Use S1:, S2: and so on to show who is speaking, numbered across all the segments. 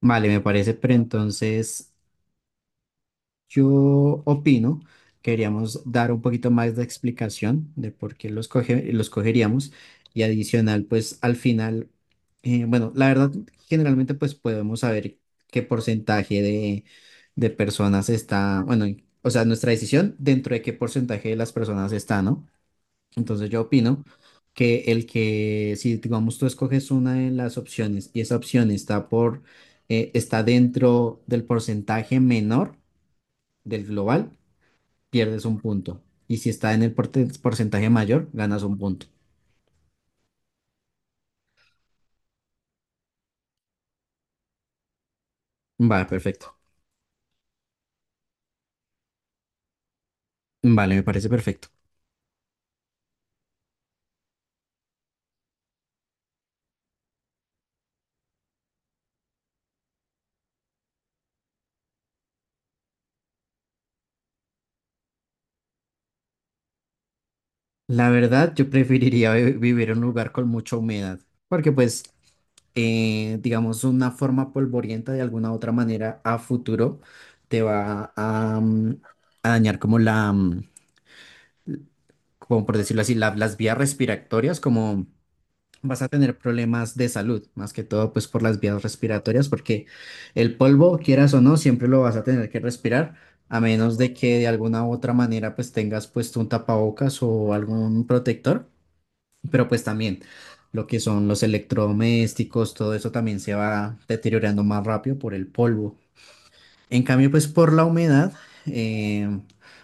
S1: Vale, me parece, pero entonces yo opino que deberíamos dar un poquito más de explicación de por qué los cogeríamos y adicional, pues al final, bueno, la verdad, generalmente pues podemos saber qué porcentaje de personas está, bueno, o sea, nuestra decisión dentro de qué porcentaje de las personas está, ¿no? Entonces yo opino que el que, si digamos tú escoges una de las opciones y esa opción está dentro del porcentaje menor del global, pierdes un punto. Y si está en el porcentaje mayor, ganas un punto. Vale, perfecto. Vale, me parece perfecto. La verdad, yo preferiría vivir en un lugar con mucha humedad, porque pues digamos, una forma polvorienta de alguna otra manera a futuro te va a dañar como por decirlo así, las vías respiratorias, como vas a tener problemas de salud, más que todo pues por las vías respiratorias, porque el polvo, quieras o no, siempre lo vas a tener que respirar. A menos de que de alguna u otra manera pues tengas puesto un tapabocas o algún protector, pero pues también lo que son los electrodomésticos, todo eso también se va deteriorando más rápido por el polvo. En cambio, pues por la humedad, eh,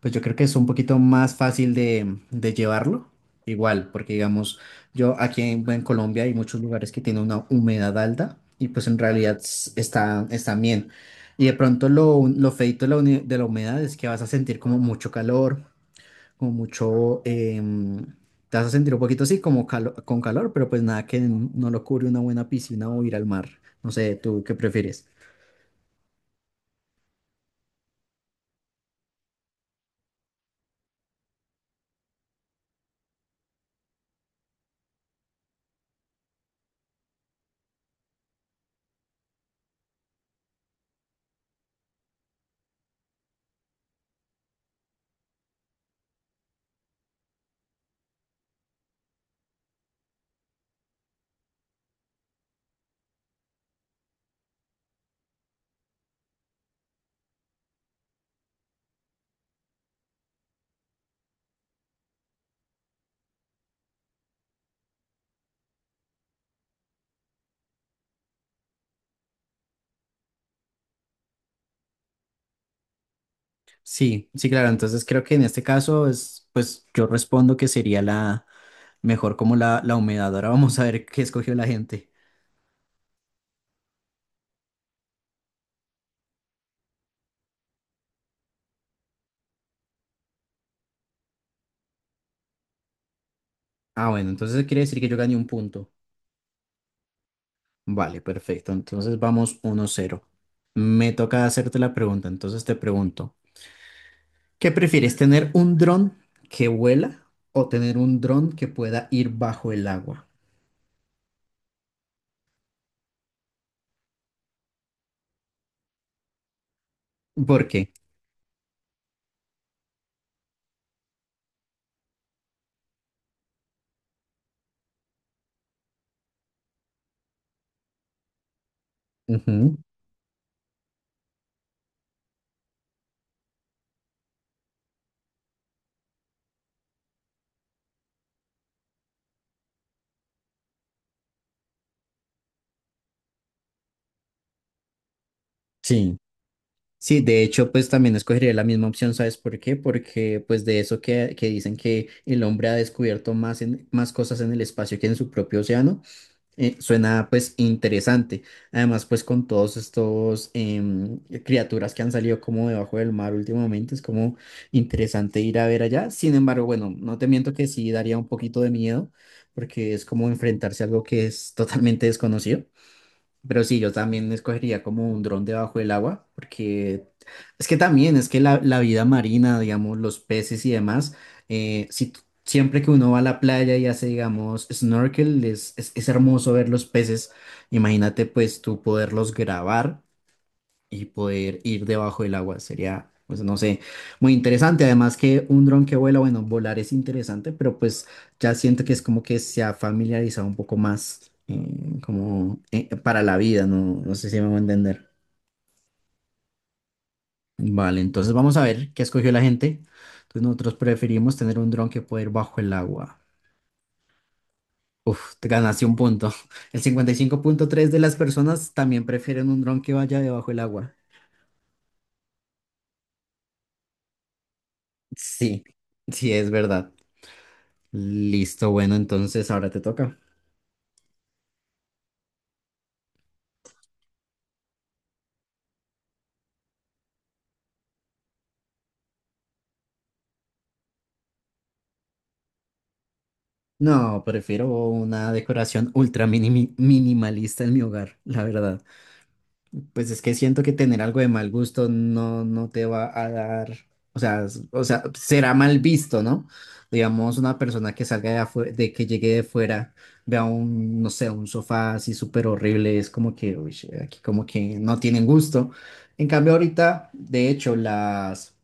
S1: pues yo creo que es un poquito más fácil de llevarlo. Igual, porque digamos, yo aquí en Colombia hay muchos lugares que tienen una humedad alta y pues en realidad están bien. Y de pronto lo feito de la humedad es que vas a sentir como mucho calor, como mucho, em, te vas a sentir un poquito así como con calor, pero pues nada que no lo cubre una buena piscina o ir al mar. No sé, ¿tú qué prefieres? Sí, sí, claro. Entonces creo que en este caso es, pues yo respondo que sería la mejor como la humedad. Ahora vamos a ver qué escogió la gente. Ah, bueno, entonces quiere decir que yo gané un punto. Vale, perfecto. Entonces vamos 1-0. Me toca hacerte la pregunta, entonces te pregunto. ¿Qué prefieres, tener un dron que vuela o tener un dron que pueda ir bajo el agua? ¿Por qué? Ujú. Sí. Sí, de hecho, pues también escogería la misma opción, ¿sabes por qué? Porque pues de eso que dicen que el hombre ha descubierto más cosas en el espacio que en su propio océano. Suena pues interesante. Además, pues con todos estos criaturas que han salido como debajo del mar últimamente, es como interesante ir a ver allá. Sin embargo, bueno, no te miento que sí daría un poquito de miedo porque es como enfrentarse a algo que es totalmente desconocido. Pero sí, yo también escogería como un dron debajo del agua, porque es que también, es que la vida marina, digamos, los peces y demás, si, siempre que uno va a la playa y hace, digamos, snorkel, es hermoso ver los peces. Imagínate pues tú poderlos grabar y poder ir debajo del agua. Sería, pues no sé, muy interesante. Además que un dron que vuela, bueno, volar es interesante, pero pues ya siento que es como que se ha familiarizado un poco más como para la vida, no, no sé si me voy a entender. Vale, entonces vamos a ver qué escogió la gente. Entonces nosotros preferimos tener un dron que poder ir bajo el agua. Uf, te ganaste un punto. El 55,3 de las personas también prefieren un dron que vaya debajo del agua. Sí, sí, es verdad. Listo, bueno, entonces ahora te toca. No, prefiero una decoración ultra minimalista en mi hogar, la verdad. Pues es que siento que tener algo de mal gusto no te va a dar, o sea, o sea, será mal visto, ¿no? Digamos, una persona que salga de que llegue de fuera, vea un, no sé, un sofá así súper horrible, es como que, uy, aquí como que no tienen gusto. En cambio, ahorita, de hecho, las...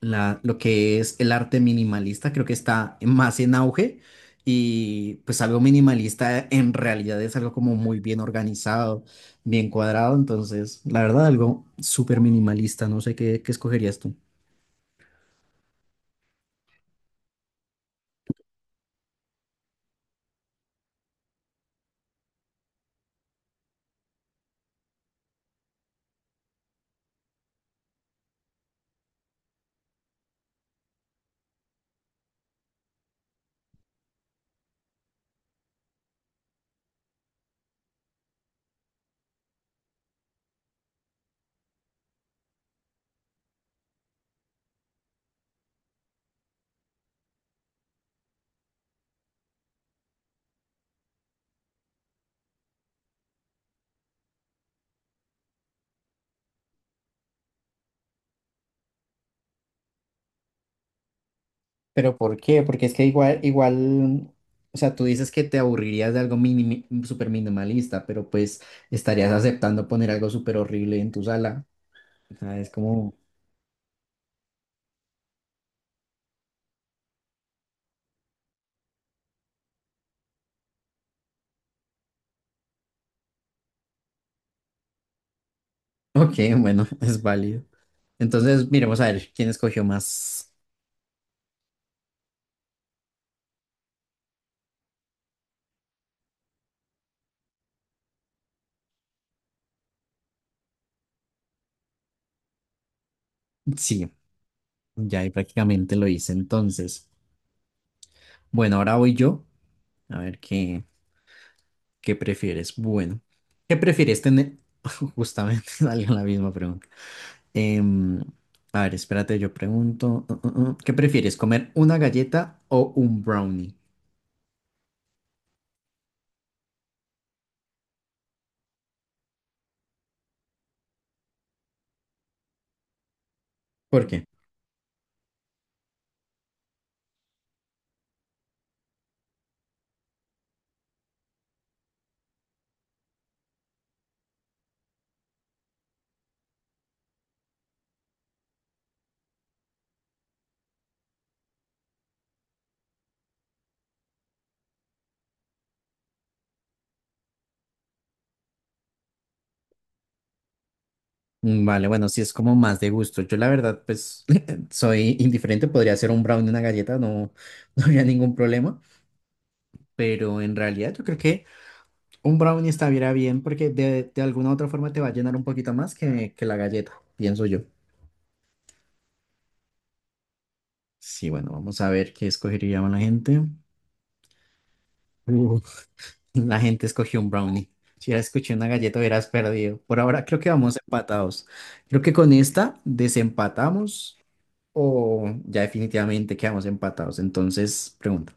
S1: la, lo que es el arte minimalista, creo que está más en auge y pues algo minimalista en realidad es algo como muy bien organizado, bien cuadrado, entonces la verdad algo súper minimalista, no sé qué escogerías tú. ¿Pero por qué? Porque es que igual, igual, o sea, tú dices que te aburrirías de algo súper minimalista, pero pues estarías aceptando poner algo súper horrible en tu sala. O sea, es como, ok, bueno, es válido. Entonces, miremos a ver quién escogió más. Sí, ya ahí prácticamente lo hice entonces. Bueno, ahora voy yo. A ver qué, prefieres. Bueno, ¿qué prefieres tener? Justamente salió la misma pregunta. Em, a ver, espérate, yo pregunto. ¿Qué prefieres, comer una galleta o un brownie? ¿Por qué? Vale, bueno, sí es como más de gusto. Yo la verdad, pues soy indiferente, podría ser un brownie, una galleta, no, no habría ningún problema, pero en realidad yo creo que un brownie estaría bien porque de alguna u otra forma te va a llenar un poquito más que la galleta, pienso yo. Sí, bueno, vamos a ver qué escogería la gente. Uf. La gente escogió un brownie. Si hubieras escogido una galleta, hubieras perdido. Por ahora creo que vamos empatados. Creo que con esta desempatamos o ya definitivamente quedamos empatados. Entonces, pregunta.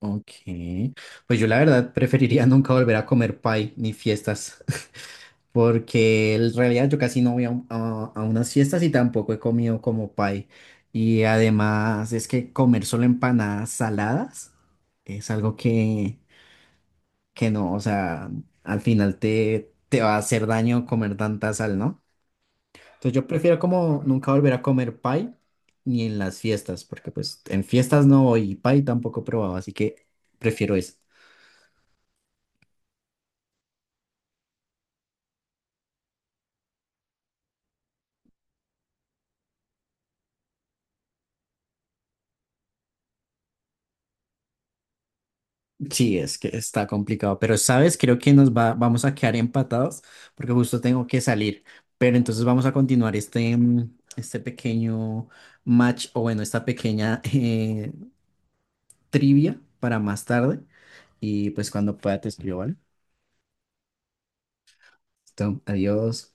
S1: Ok. Pues yo la verdad preferiría nunca volver a comer pie ni fiestas, porque en realidad yo casi no voy a unas fiestas y tampoco he comido como pie. Y además es que comer solo empanadas saladas es algo que no, o sea, al final te va a hacer daño comer tanta sal, ¿no? Entonces yo prefiero como nunca volver a comer pie ni en las fiestas, porque pues en fiestas no voy y pie tampoco he probado, así que prefiero eso. Sí, es que está complicado, pero sabes, creo que vamos a quedar empatados porque justo tengo que salir, pero entonces vamos a continuar este pequeño match o bueno, esta pequeña trivia para más tarde y pues cuando pueda te escribo, ¿vale? Listo, adiós.